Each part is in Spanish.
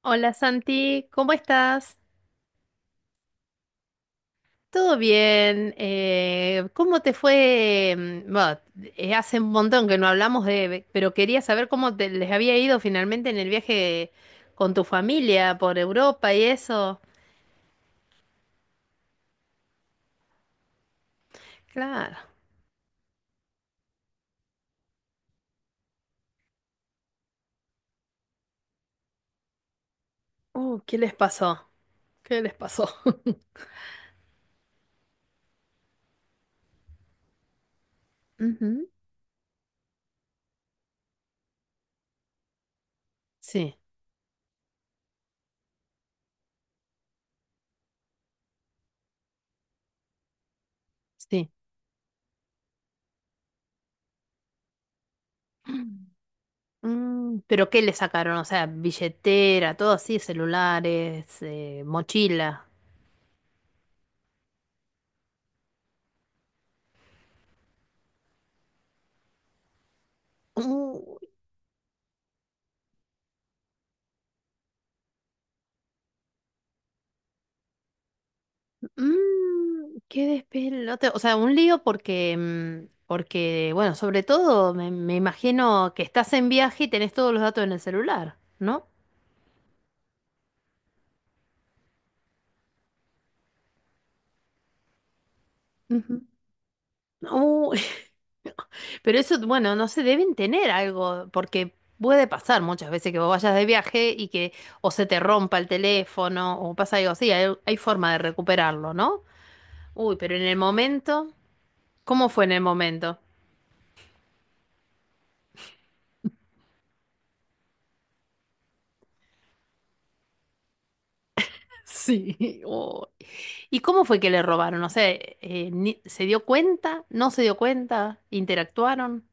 Hola Santi, ¿cómo estás? ¿Todo bien? ¿Cómo te fue? Bueno, hace un montón que no hablamos de, pero quería saber cómo te, les había ido finalmente en el viaje con tu familia por Europa y eso. Claro. ¿Qué les pasó? ¿Qué les pasó? Ujú. Sí, sí. Mm, ¿pero qué le sacaron? O sea, billetera, todo así, celulares, mochila. Mm, qué despelote. O sea, un lío porque, porque, bueno, sobre todo me, me imagino que estás en viaje y tenés todos los datos en el celular, ¿no? Ujú. Uh, pero eso, bueno, no sé, deben tener algo, porque puede pasar muchas veces que vos vayas de viaje y que o se te rompa el teléfono o pasa algo así, hay forma de recuperarlo, ¿no? Uy, pero en el momento, ¿cómo fue en el momento? Sí, uy. ¿Y cómo fue que le robaron? No sé, ¿se dio cuenta? ¿No se dio cuenta? ¿Interactuaron?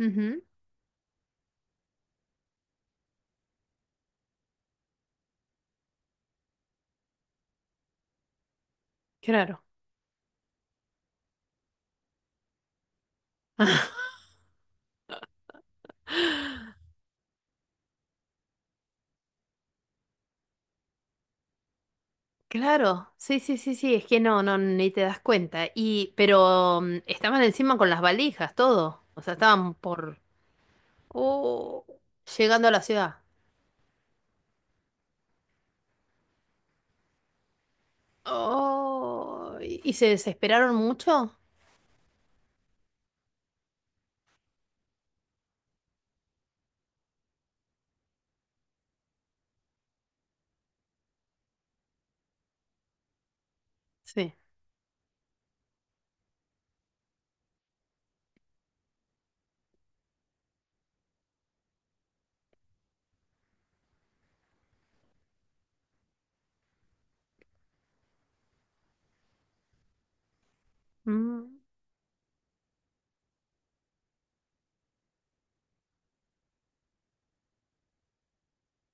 Ujú, claro. Claro, sí, sí, sí, sí, es que no, no, ni te das cuenta. Y, pero estaban encima con las valijas, todo. O sea, estaban por... Oh, llegando a la ciudad. Oh, ¿y se desesperaron mucho? Sí. Mm,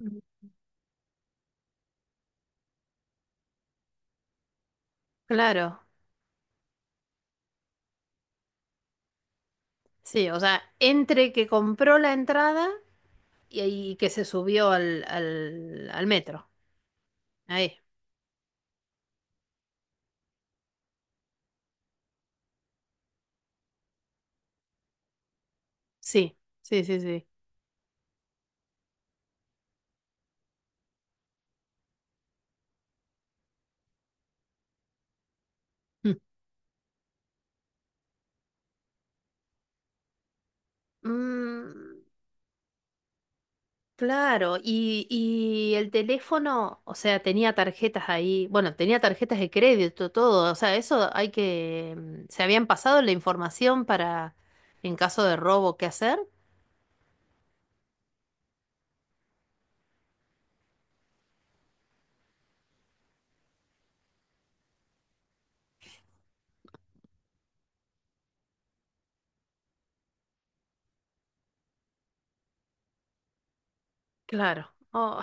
mm, claro, sí, o sea, entre que compró la entrada y, y que se subió al, al, al metro. Ahí. Sí, sí, sí, sí. Mm. Mm, claro, y el teléfono, o sea, tenía tarjetas ahí, bueno, tenía tarjetas de crédito, todo, o sea, eso hay que, se habían pasado la información para, en caso de robo, qué hacer. Claro, oh,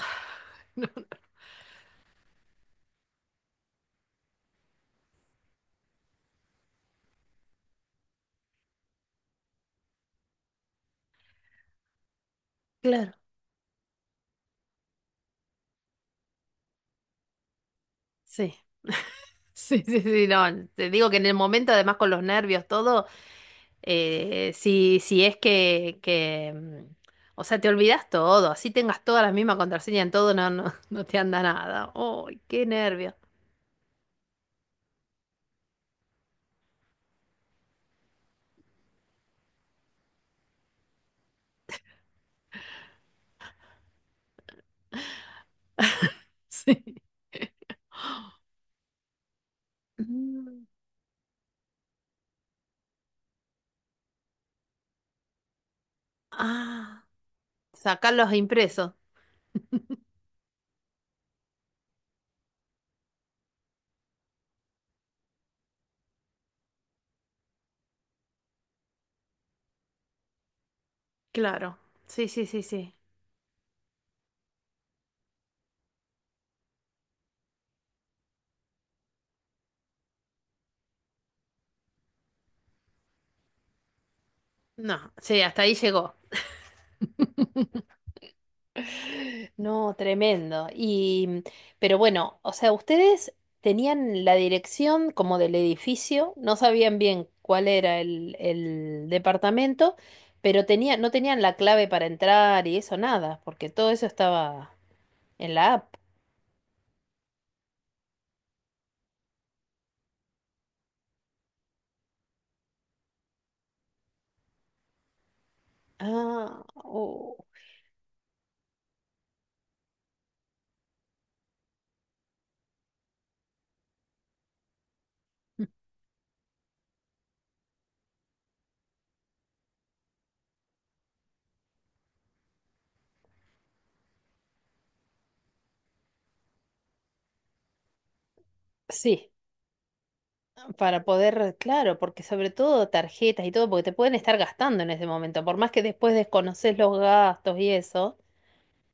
claro, sí. Sí, sí, sí, no, te digo que en el momento, además con los nervios, todo, si, si es que, mm, o sea, te olvidas todo, así tengas todas las mismas contraseñas en todo, no, no, no te anda nada. ¡Ay, qué nervio! Sí. Mm. Ah, sacar los impresos. Claro. Sí, sí, sí, sí. No, sí, hasta ahí llegó. No, tremendo. Y, pero bueno, o sea, ustedes tenían la dirección como del edificio, no sabían bien cuál era el departamento, pero tenían, no tenían la clave para entrar y eso nada, porque todo eso estaba en la app. Ah, oh. Sí, para poder, claro, porque sobre todo tarjetas y todo, porque te pueden estar gastando en ese momento, por más que después desconoces los gastos y eso.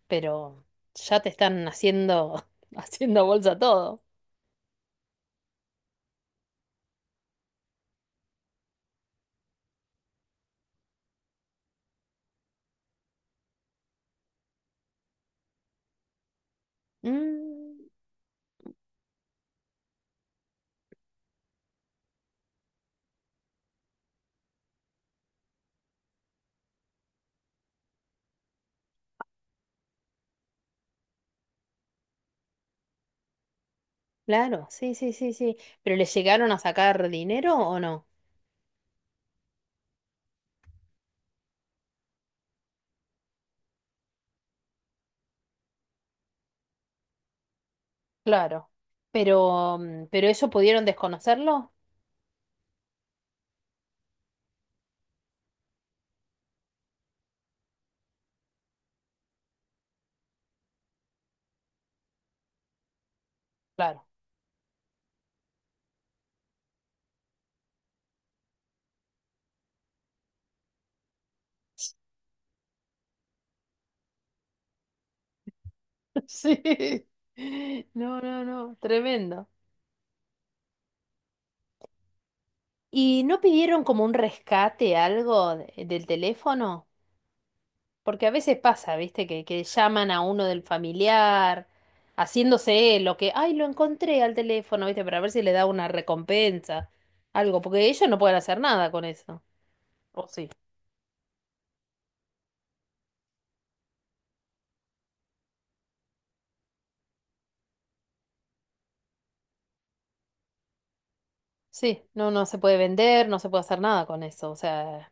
Pero ya te están haciendo, haciendo bolsa todo. Mm, claro, sí, sí, sí, sí. ¿Pero le llegaron a sacar dinero o no? Claro. Pero, ¿pero eso pudieron desconocerlo? Claro. Sí. No, no, no, tremendo. ¿Y no pidieron como un rescate, algo del teléfono? Porque a veces pasa, ¿viste? Que llaman a uno del familiar, haciéndose lo que, ay, lo encontré al teléfono, ¿viste? Para ver si le da una recompensa, algo, porque ellos no pueden hacer nada con eso. ¿O sí? Sí, no, no se puede vender, no se puede hacer nada con eso, o sea,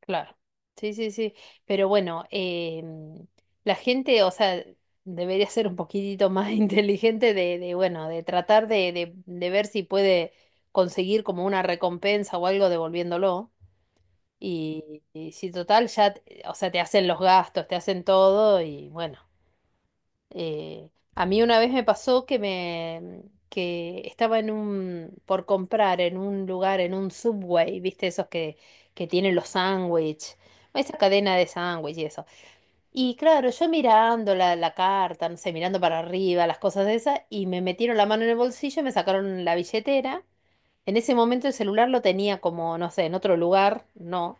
claro. Sí, sí, sí. Pero bueno, la gente, o sea, debería ser un poquitito más inteligente de, bueno, de tratar de, de ver si puede conseguir como una recompensa o algo devolviéndolo. Y si total, ya, o sea, te hacen los gastos, te hacen todo y bueno. A mí una vez me pasó que me, que estaba en un, por comprar en un lugar, en un Subway, ¿viste? Esos que tienen los sándwiches, esa cadena de sándwiches y eso. Y claro, yo mirando la, la carta, no sé, mirando para arriba, las cosas de esas, y me metieron la mano en el bolsillo, y me sacaron la billetera. En ese momento el celular lo tenía como, no sé, en otro lugar, no,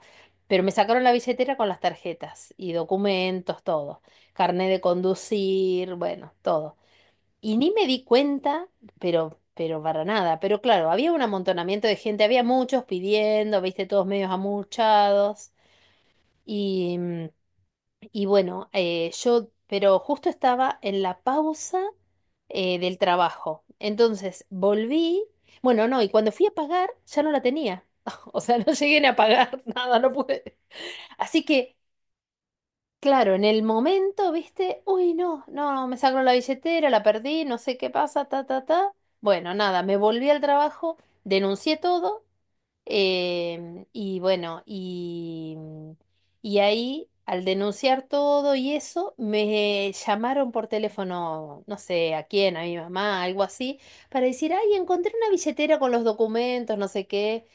pero me sacaron la billetera con las tarjetas y documentos, todo, carnet de conducir, bueno, todo. Y ni me di cuenta, pero para nada, pero claro, había un amontonamiento de gente, había muchos pidiendo, viste, todos medios amuchados y, y bueno, yo, pero justo estaba en la pausa del trabajo. Entonces volví, bueno, no, y cuando fui a pagar ya no la tenía. O sea, no llegué ni a pagar nada, no pude. Así que, claro, en el momento, viste, uy, no, no, me sacaron la billetera, la perdí, no sé qué pasa, ta, ta, ta. Bueno, nada, me volví al trabajo, denuncié todo. Y bueno, y ahí al denunciar todo y eso, me llamaron por teléfono, no sé a quién, a mi mamá, algo así, para decir, ay, encontré una billetera con los documentos, no sé qué.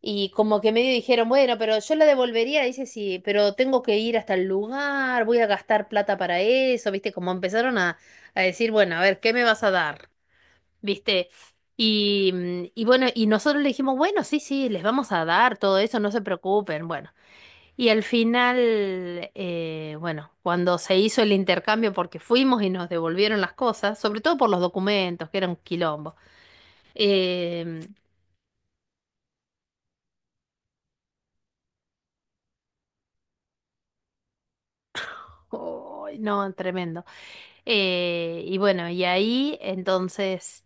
Y como que medio dijeron, bueno, pero yo la devolvería, dice, sí, pero tengo que ir hasta el lugar, voy a gastar plata para eso, ¿viste? Como empezaron a decir, bueno, a ver, ¿qué me vas a dar? ¿Viste? Y, y bueno, y nosotros le dijimos, bueno, sí, sí, les vamos a dar todo eso, no se preocupen, bueno. Y al final, bueno, cuando se hizo el intercambio, porque fuimos y nos devolvieron las cosas, sobre todo por los documentos, que era un quilombo. Eh, ay, no, tremendo. Y bueno, y ahí entonces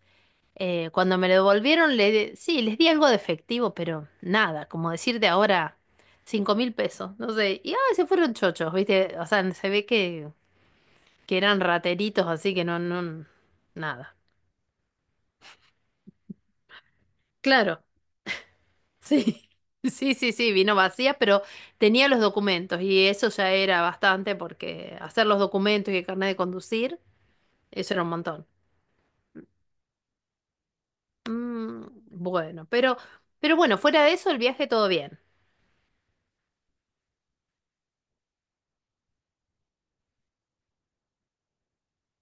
Eh, cuando me lo devolvieron, le, sí, les di algo de efectivo, pero nada, como decirte ahora, 5.000 pesos, no sé, y ah, se fueron chochos, ¿viste? O sea, se ve que eran rateritos, así que no, no, nada. Claro, sí, sí, sí, sí, vino vacía, pero tenía los documentos y eso ya era bastante porque hacer los documentos y el carnet de conducir, eso era un montón. Mm, bueno, pero bueno, fuera de eso, el viaje todo bien.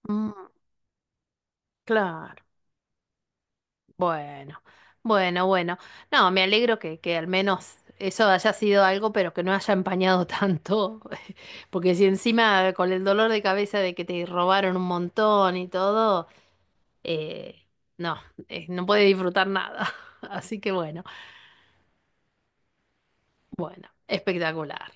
Mm, claro. Bueno, bueno, bueno. No, me alegro que al menos eso haya sido algo, pero que no haya empañado tanto. Porque si encima con el dolor de cabeza de que te robaron un montón y todo, eh, no, no puedes disfrutar nada. Así que bueno, bueno, espectacular.